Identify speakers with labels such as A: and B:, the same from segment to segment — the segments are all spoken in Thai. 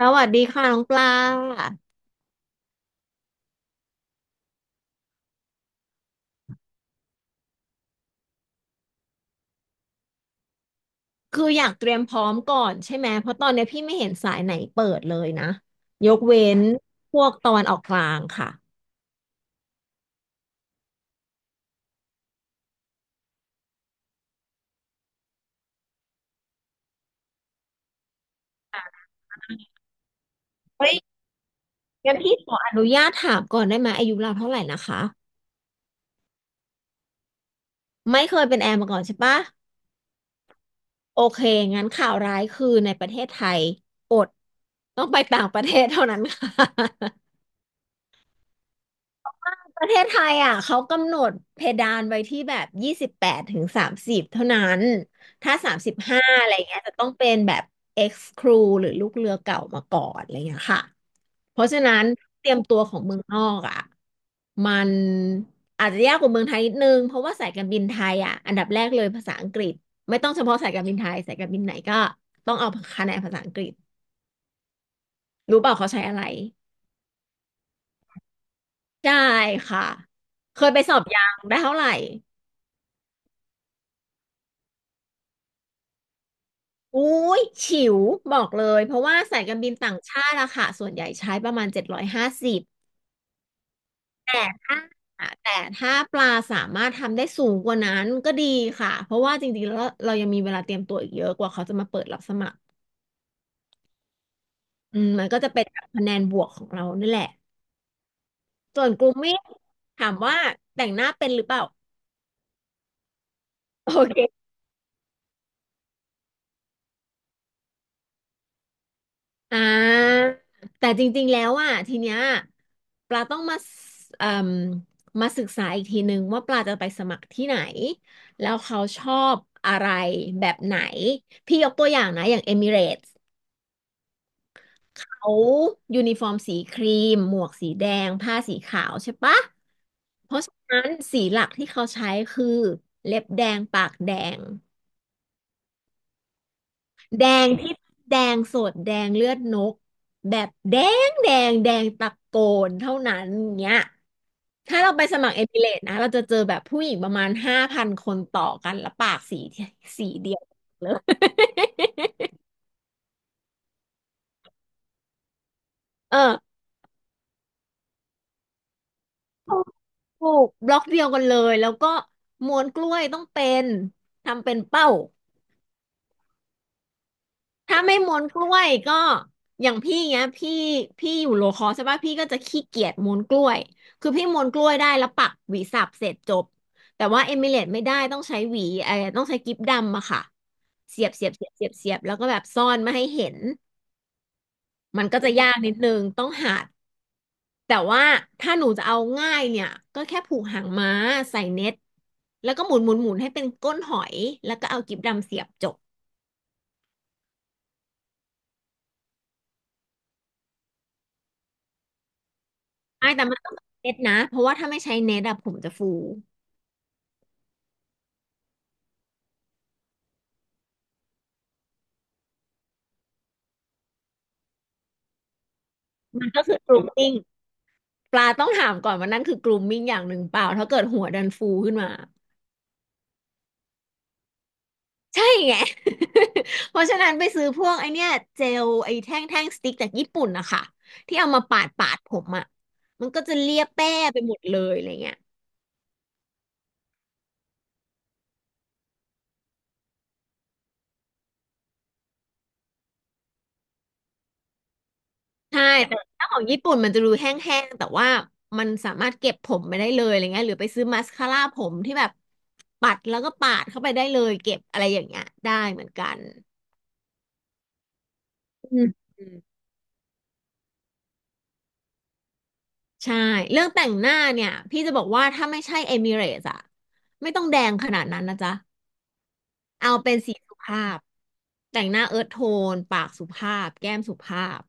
A: สวัสดีค่ะน้องปลา คืออยากเตรียมพร้อมก่อนใช่ไหม เพราะตอนเนี้ยพี่ไม่เห็นสายไหนเปิดเลยนะ ยกเว้นพวกตะวันออกกลางค่ะเฮ้ยขออนุญาตถามก่อนได้ไหมอายุเราเท่าไหร่นะคะ ไม่เคยเป็นแอร์มาก่อนใช่ปะโอเคงั้นข่าวร้ายคือในประเทศไทยอดต้องไปต่างประเทศเท่านั้นค่ะ ประเทศไทยอ่ะเขากำหนดเพดานไว้ที่แบบ28ถึงสามสิบเท่านั้นถ้า35อะไรเงี้ยจะต้องเป็นแบบ ex crew หรือลูกเรือเก่ามาก่อนอะไรเงี้ยค่ะเพราะฉะนั้นเตรียมตัวของเมืองนอกอ่ะมันอาจจะยากกว่าเมืองไทยนิดนึงเพราะว่าสายการบินไทยอ่ะอันดับแรกเลยภาษาอังกฤษไม่ต้องเฉพาะสายการบินไทยสายการบินไหนก็ต้องเอาคะแนนภาษาอังกฤษรู้เปล่าเขาใช้อะไรใช่ค่ะเคยไปสอบยังได้เท่าไหร่ อุ้ยฉิวบอกเลยเพราะว่าสายการบินต่างชาติอะค่ะส่วนใหญ่ใช้ประมาณ750แต่ถ้าแต่ถ้าปลาสามารถทำได้สูงกว่านั้นก็ดีค่ะเพราะว่าจริงๆแล้วเรายังมีเวลาเตรียมตัวอีกเยอะกว่าเขาจะมาเปิดรับสมัครอืมมันก็จะเป็นคะแนนบวกของเรานั่นแหละส่วนกลุ่มมิตรถามว่าแต่งหน้าเป็นหรือเปล่าโอเค อ่าแต่จริงๆแล้วอ่ะทีเนี้ยปลาต้องมาสเอ่มมาศึกษาอีกทีนึงว่าปลาจะไปสมัครที่ไหนแล้วเขาชอบอะไรแบบไหนพี่ยกตัวอย่างนะอย่างเอมิเรตส์เขายูนิฟอร์มสีครีมหมวกสีแดงผ้าสีขาวใช่ปะเพราะฉะนั้นสีหลักที่เขาใช้คือเล็บแดงปากแดง แดงที่แดงสดแดงเลือดนกแบบแดงแดงแดงตะโกนเท่านั้นเนี้ยถ้าเราไปสมัครเอมิเรตนะเราจะเจอแบบผู้หญิงประมาณ5,000คนต่อกันแล้วปากสีสีเดียวเลย เออถูกถูกบล็อกเดียวกันเลยแล้วก็ม้วนกล้วยต้องเป็นทำเป็นเป้า ถ้าไม่ม้วนกล้วยก็อย่างพี่เงี้ยพี่อยู่โลคอใช่ป่ะพี่ก็จะขี้เกียจม้วนกล้วยคือพี่ม้วนกล้วยได้แล้วปักหวีสับเสร็จจบแต่ว่าเอมิเลตไม่ได้ต้องใช้หวีเออต้องใช้กิ๊บดำอะค่ะเสียบเสียบเสียบเสียบเสียบแล้วก็แบบซ่อนไม่ให้เห็นมันก็จะยากนิดนึงต้องหัดแต่ว่าถ้าหนูจะเอาง่ายเนี่ยก็แค่ผูกหางม้าใส่เน็ตแล้วก็หมุนหมุนหมุนให้เป็นก้นหอยแล้วก็เอากิ๊บดำเสียบจบไอ่แต่มันต้องเน็ตนะเพราะว่าถ้าไม่ใช้เน็ตอะผมจะฟู มันก็คือก r o มมิ n งปลาต้องถามก่อนว่านั่นคือก r o มมิ n งอย่างหนึ่งเปล่าถ้าเกิดหัวดันฟูขึ้นมาใช่ไง เพราะฉะนั้นไปซื้อพวกไอเนี้ยเจลไอแท่งแท่งสติ๊กจากญี่ปุ่นนะคะที่เอามาปาดปาดผมอ่ะมันก็จะเลียแป้ไปหมดเลยอะไรเงี้ยใช่แต่ถ้าของญี่ปุ่นมันจะดูแห้งๆแต่ว่ามันสามารถเก็บผมไปได้เลยอะไรเงี้ยหรือไปซื้อมาสคาร่าผมที่แบบปัดแล้วก็ปาดเข้าไปได้เลยเก็บอะไรอย่างเงี้ยได้เหมือนกันอืม ใช่เรื่องแต่งหน้าเนี่ยพี่จะบอกว่าถ้าไม่ใช่เอมิเรตอะไม่ต้องแดงขนาดนั้นนะจ๊ะเอาเป็นสีสุภาพแต่งหน้าเอิร์ธโทนปากสุภาพแก้มสุภาพ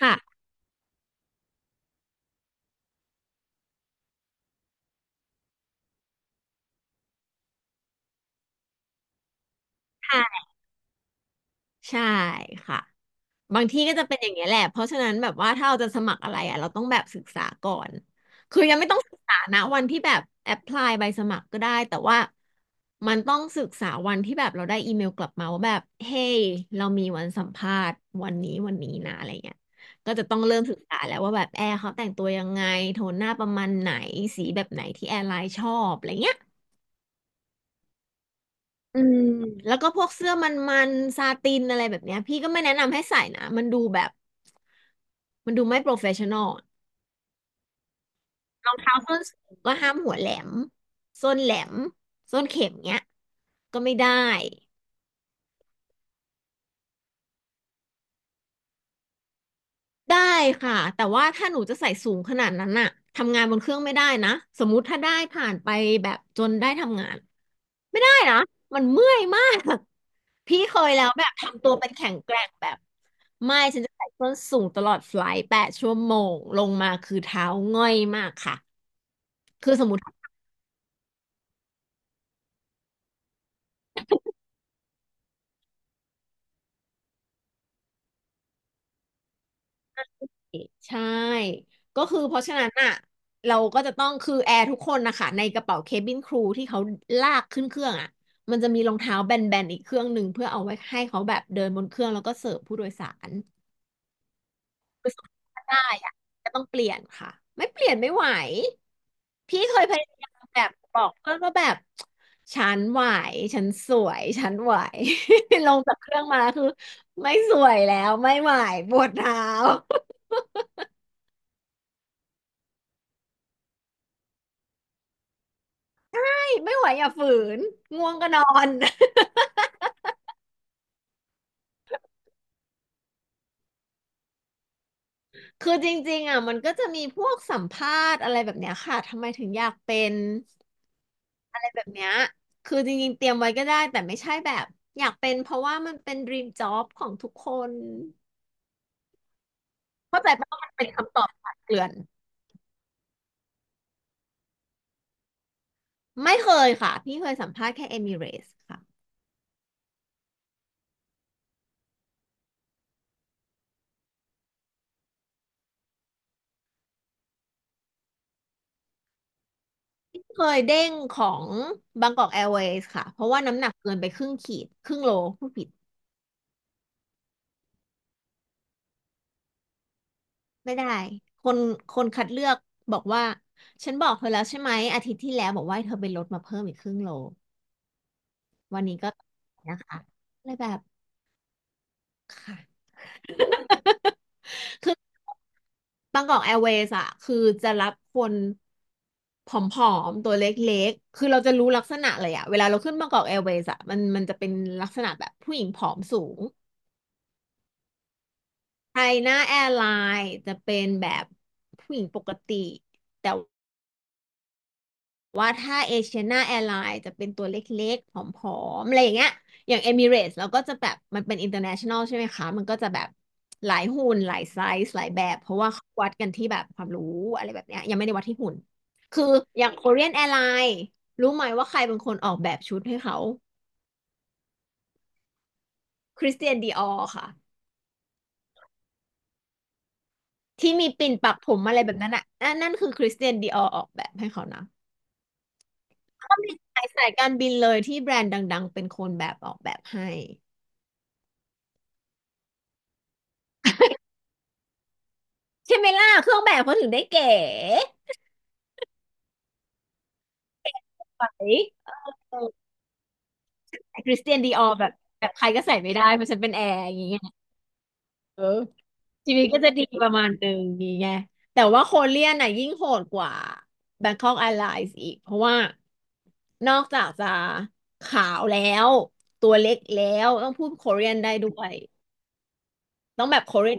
A: ค่ะใช่ใช่ค่ะ บางที่ก็จะเป็นอย่างเงี้ยแหละเพราะฉะนั้นแบบว่าถ้าเราจะสมัครอะไรอ่ะเราต้องแบบศึกษาก่อนคือยังไม่ต้องศึกษานะวันที่แบบแอพพลายใบสมัครก็ได้แต่ว่ามันต้องศึกษาวันที่แบบเราได้อีเมลกลับมาว่าแบบเฮ้ยเรามีวันสัมภาษณ์วันนี้วันนี้นะอะไรเงี้ยก็จะต้องเริ่มศึกษาแล้วว่าแบบแอร์เขาแต่งตัวยังไงโทนหน้าประมาณไหนสีแบบไหนที่แอร์ไลน์ชอบอะไรเงี้ย อืมแล้วก็พวกเสื้อมันๆซาตินอะไรแบบเนี้ยพี่ก็ไม่แนะนำให้ใส่นะมันดูแบบมันดูไม่โปรเฟชชั่นอลเท้าส้นสูงก็ห้ามหัวแหลมส้นแหลมส้นเข็มเนี้ยก็ไม่ได้ได้ค่ะแต่ว่าถ้าหนูจะใส่สูงขนาดนั้นน่ะทำงานบนเครื่องไม่ได้นะสมมุติถ้าได้ผ่านไปแบบจนได้ทำงานไม่ได้นะมันเมื่อยมาก พี่เคยแล้วแบบทำตัวเป็นแข็งแกร่งแบบไม่ฉันจะใส่ส้นสูงตลอดไฟลท์8 ชั่วโมงลงมาคือเท้าง่อยมากค่ะคือสมมติใช่ก็คือเพราะฉะนั้นอ่ะเราก็จะต้องคือแอร์ทุกคนนะคะในกระเป๋าเคบินครูที่เขาลากขึ้นเครื่องอ่ะมันจะมีรองเท้าแบนๆอีกเครื่องหนึ่งเพื่อเอาไว้ให้เขาแบบเดินบนเครื่องแล้วก็เสิร์ฟผู้โดยสาร คือสมมติว่าได้อะจะต้องเปลี่ยนค่ะไม่เปลี่ยนไม่ไหวพี่เคยพยายามแบบบอกเพื่อนว่าแบบฉันไหวฉันสวยฉันไหว ลงจากเครื่องมาคือไม่สวยแล้วไม่ไหวปวดเท้าไม่ไหวอย่าฝืนง่วงก็นอน คือจริงๆอ่ะมันก็จะมีพวกสัมภาษณ์อะไรแบบเนี้ยค่ะทำไมถึงอยากเป็นอะไรแบบเนี้ยคือจริงๆเตรียมไว้ก็ได้แต่ไม่ใช่แบบอยากเป็นเพราะว่ามันเป็น dream job ของทุกคน เข้าใจปะว่ามันเป็นคำตอบคลดเคลื่อนไม่เคยค่ะพี่เคยสัมภาษณ์แค่เอมิเรสค่ะพี่เคยเด้งของบางกอกแอร์เวย์ค่ะเพราะว่าน้ำหนักเกินไปครึ่งขีดครึ่งโลพูดผิดไม่ได้คนคนคัดเลือกบอกว่าฉันบอกเธอแล้วใช่ไหมอาทิตย์ที่แล้วบอกว่าให้เธอไปลดมาเพิ่มอีกครึ่งโลวันนี้ก็นะคะเลยแบบค่ะ คือบางกอกแอร์เวย์อะคือจะรับคนผอมๆตัวเล็กๆคือเราจะรู้ลักษณะเลยอะเวลาเราขึ้นบางกอกแอร์เวย์อะมันจะเป็นลักษณะแบบผู้หญิงผอมสูงไทยหน้าแอร์ไลน์จะเป็นแบบผู้หญิงปกติแต่ ว่าถ้าเอเชียนาแอร์ไลน์จะเป็นตัวเล็กๆผอมๆ อะไรอย่างเงี้ยอย่างเอมิเรตส์เราก็จะแบบมันเป็นอินเตอร์เนชั่นแนลใช่ไหมคะ มันก็จะแบบหลายหุ่นหลายไซส์หลายแบบ เพราะว่าเขาวัดกันที่แบบความรู้อะไรแบบเนี้ยยังไม่ได้วัดที่หุ่นคืออย่างโคเรียนแอร์ไลน์รู้ไหมว่าใครเป็นคนออกแบบชุดให้เขาคริสเตียนดีออร์ค่ะที่มีปิ่นปักผมอะไรแบบนั้นอ่ะนั่นคือคริสเตียนดีออร์ออกแบบให้เขานะก็มีสายการบินเลยที่แบรนด์ดังๆเป็นคนแบบออกแบบให้ ใช่ไหมล่ะเครื่องแบบเขาถึงได้เก๋ใส่เออแต่คริสเตียนดีออร์แบบแบบใครก็ใส่ไม่ได้เพราะฉันเป็นแอร์อย่างเงี้ยเออชีวิตก็จะดีประมาณหนึ่งอย่างเงี้ยแต่ว่าโคเรียนน่ะยิ่งโหดกว่า Bangkok Airlines อีกเพราะว่านอกจากจะขาวแล้วตัวเล็กแล้วต้องพูดโคเรียนได้ด้วยต้องแบบโคเรียน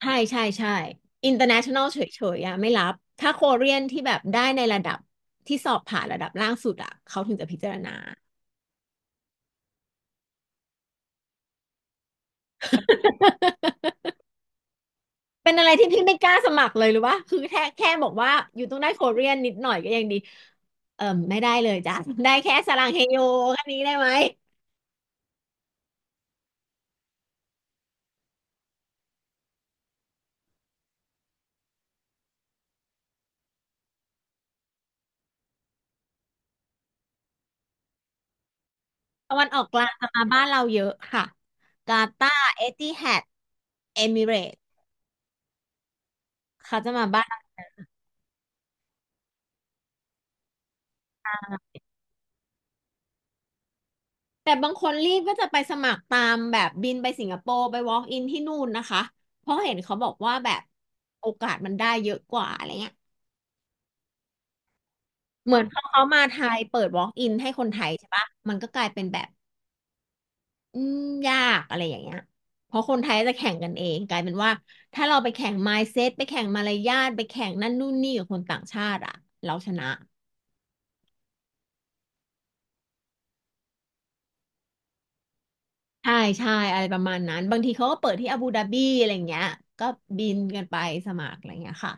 A: ใช่ใช่ใช่ international เฉยๆอะไม่รับ ถ้าโคเรียนที่แบบได้ในระดับที่สอบผ่านระดับล่างสุดอะเขาถึงจะพิจารณา เป็นอะไรที่พี่ไม่กล้าสมัครเลยหรือว่าคือแค่บอกว่าอยู่ต้องได้โคเรียนนิดหน่อยก็ยังดีเออไม่ได้เลยจ้ะได้แค่สรังเฮโยแค่นี้ได้ไหมตะวันออกกลางจะมาบ้านเราเยอะค่ะ กาตาร์เอติฮัดเอมิเรตส์เขาจะมาบ้าน แต่บางคนรีบก็จะไปสมัครตามแบบบินไปสิงคโปร์ไป walk in ที่นู่นนะคะเพราะเห็นเขาบอกว่าแบบโอกาสมันได้เยอะกว่าอะไรเงี้ยเหมือนเขามาไทยเปิด walk in ให้คนไทยใช่ปะมันก็กลายเป็นแบบอืมยากอะไรอย่างเงี้ยเพราะคนไทยจะแข่งกันเองกลายเป็นว่าถ้าเราไปแข่ง mindset ไปแข่งมารยาทไปแข่งนั่นนู่นนี่กับคนต่างชาติอะเราชนะใช่ใช่อะไรประมาณนั้นบางทีเขาก็เปิดที่อาบูดาบีอะไรอย่างเงี้ยก็บินกันไปสมัครอะไรอย่างเงี้ยค่ะ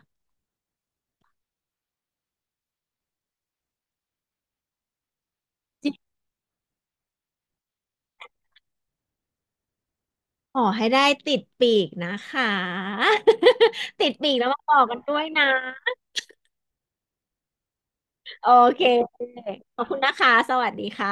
A: ขอให้ได้ติดปีกนะคะ ติดปีกแล้วมาบอกกันด้วยนะโอเคขอบคุณนะคะสวัสดีค่ะ